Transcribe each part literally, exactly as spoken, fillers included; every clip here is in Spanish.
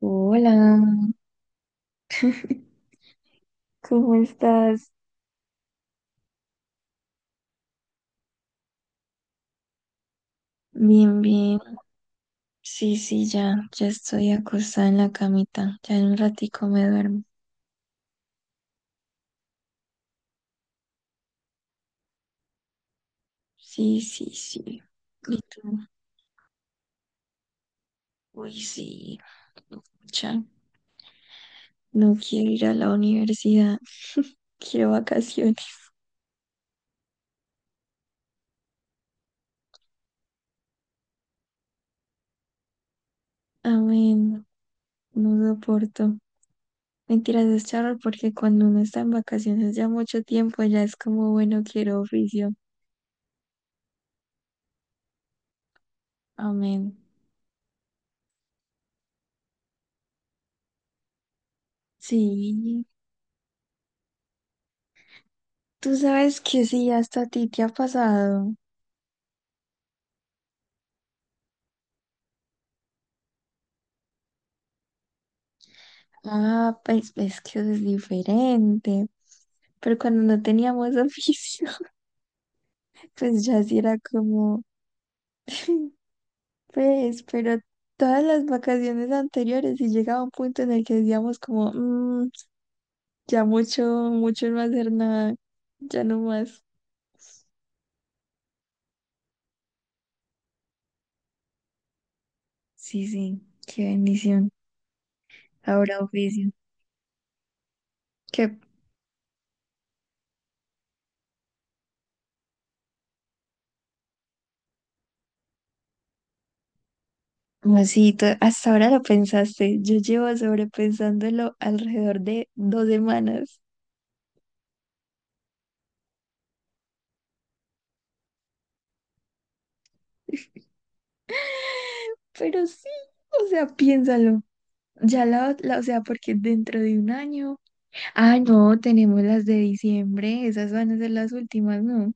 Hola, ¿cómo estás? Bien, bien. Sí, sí, ya, ya estoy acostada en la camita. Ya en un ratico me duermo. Sí, sí, sí. ¿Y tú? Uy, sí. Ya, no quiero ir a la universidad. Quiero vacaciones. Amén. No soporto. Mentiras, es charro porque cuando uno está en vacaciones ya mucho tiempo, ya es como, bueno, quiero oficio. Amén. Sí, tú sabes que sí, hasta a ti te ha pasado. Ah, pues es que es diferente. Pero cuando no teníamos oficio, pues ya sí era como, pues, pero todas las vacaciones anteriores y llegaba un punto en el que decíamos como, "Mm, ya mucho, mucho no hacer nada, ya no más". Sí, sí, qué bendición. Ahora oficio. Qué masito. Hasta ahora lo pensaste. Yo llevo sobrepensándolo alrededor de dos semanas. Pero sí, o sea, piénsalo. Ya la, la- o sea, porque dentro de un año. Ah, no, tenemos las de diciembre. Esas van a ser las últimas, ¿no?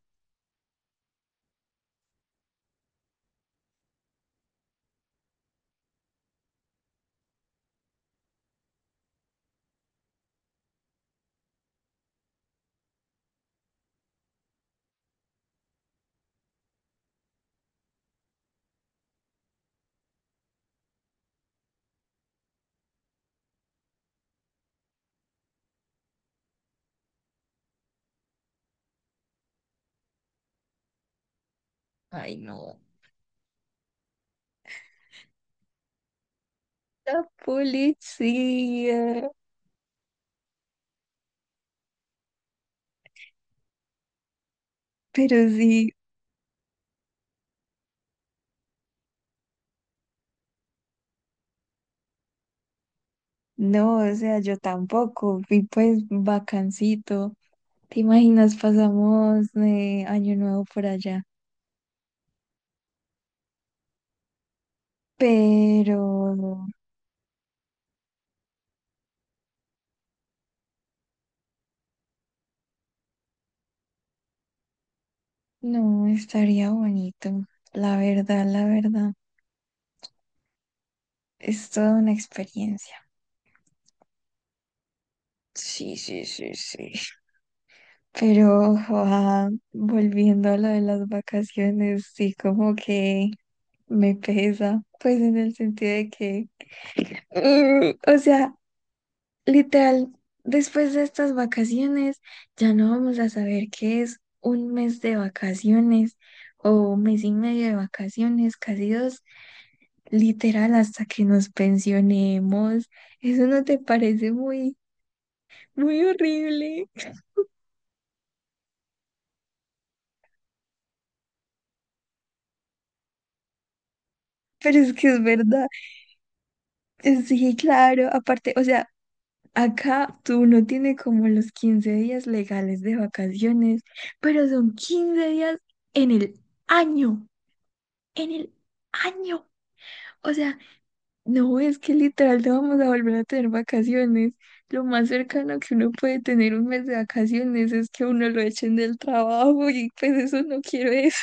Ay, no. La policía. Pero sí, no, o sea, yo tampoco. Y pues vacancito. ¿Te imaginas? Pasamos eh, año nuevo por allá. Pero no, estaría bonito. La verdad, la verdad. Es toda una experiencia. Sí, sí, sí, sí. Pero ah, volviendo a lo de las vacaciones, sí, como que me pesa, pues en el sentido de que, mm, o sea, literal, después de estas vacaciones ya no vamos a saber qué es un mes de vacaciones o un mes y medio de vacaciones, casi dos, literal, hasta que nos pensionemos. ¿Eso no te parece muy, muy horrible? Pero es que es verdad. Sí, claro, aparte, o sea, acá tú no tiene como los quince días legales de vacaciones, pero son quince días en el año, en el año. O sea, no es que literal no vamos a volver a tener vacaciones. Lo más cercano que uno puede tener un mes de vacaciones es que uno lo echen del trabajo y pues eso no quiero eso.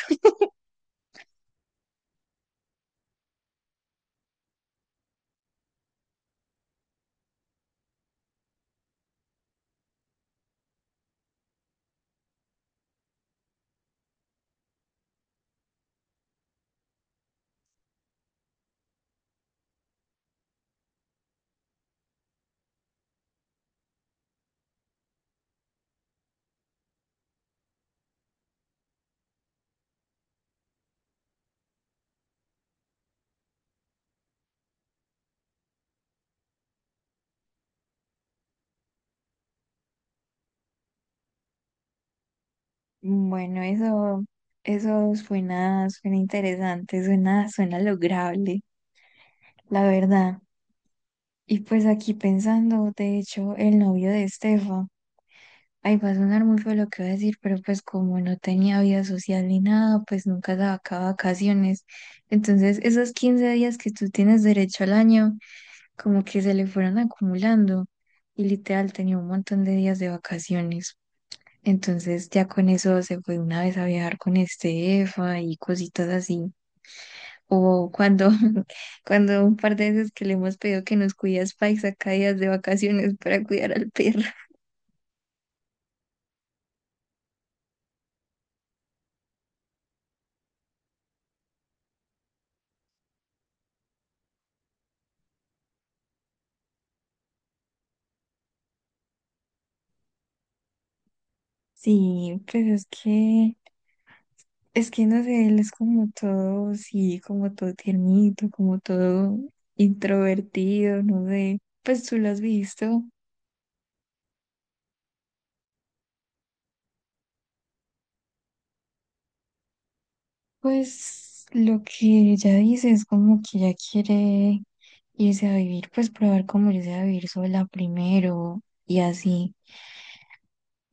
Bueno, eso, eso suena, suena interesante, suena, suena lograble, la verdad. Y pues aquí pensando, de hecho, el novio de Estefa, ahí va a sonar muy feo lo que voy a decir, pero pues como no tenía vida social ni nada, pues nunca sacaba vacaciones. Entonces, esos quince días que tú tienes derecho al año, como que se le fueron acumulando y literal tenía un montón de días de vacaciones. Entonces, ya con eso se fue una vez a viajar con Estefa y cositas así. O cuando, cuando un par de veces que le hemos pedido que nos cuide a Spike, saca días de vacaciones para cuidar al perro. Sí, pues es que, es que no sé, él es como todo, sí, como todo tiernito, como todo introvertido, no sé. Pues tú lo has visto. Pues lo que ella dice es como que ella quiere irse a vivir, pues probar cómo irse a vivir sola primero y así.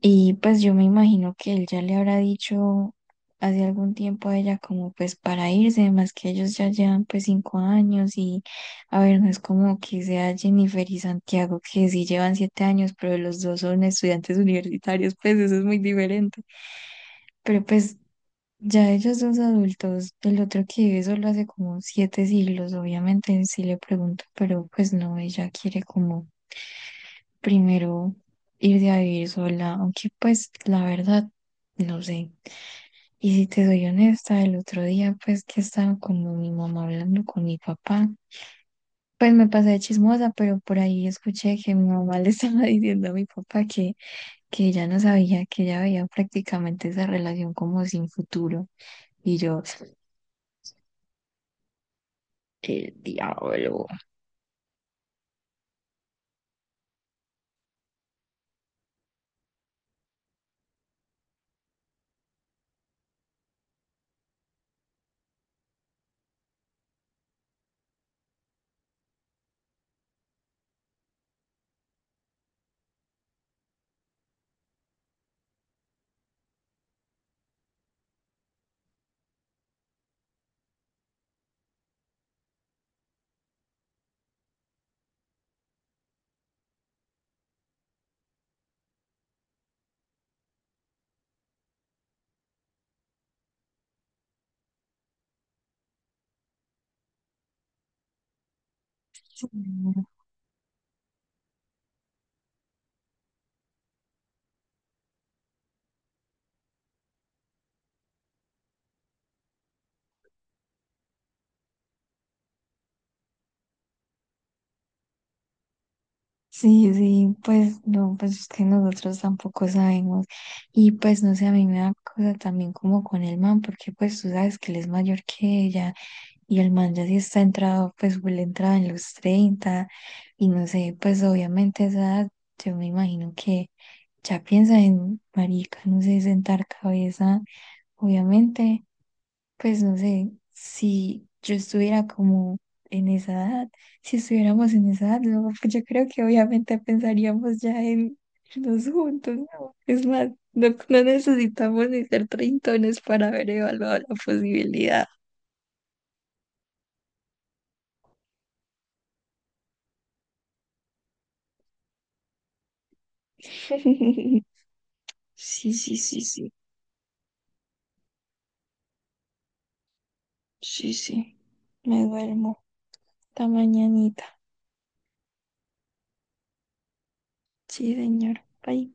Y pues yo me imagino que él ya le habrá dicho hace algún tiempo a ella como pues para irse, más que ellos ya llevan pues cinco años y a ver, no es como que sea Jennifer y Santiago que sí llevan siete años, pero los dos son estudiantes universitarios, pues eso es muy diferente. Pero pues ya ellos dos adultos, el otro que vive solo hace como siete siglos, obviamente sí le pregunto, pero pues no, ella quiere como primero irse a vivir sola, aunque pues la verdad, no sé. Y si te soy honesta, el otro día pues que estaba con mi mamá hablando con mi papá, pues me pasé de chismosa, pero por ahí escuché que mi mamá le estaba diciendo a mi papá que, que ella no sabía, que ella veía prácticamente esa relación como sin futuro. Y yo, el diablo. Sí, sí, pues no, pues es que nosotros tampoco sabemos. Y pues no sé, a mí me da cosa también como con el man, porque pues tú sabes que él es mayor que ella y el man ya sí está entrado, pues él entraba en los treinta y no sé, pues obviamente a esa edad yo me imagino que ya piensa en marica, no sé, sentar cabeza, obviamente, pues no sé, si yo estuviera como en esa edad, si estuviéramos en esa edad, no, pues yo creo que obviamente pensaríamos ya en irnos juntos, ¿no? Es más, no, no necesitamos ni ser treintones para haber evaluado la posibilidad. Sí, sí, sí, sí, sí, sí. Me duermo. Hasta mañanita. Sí, señor. Bye.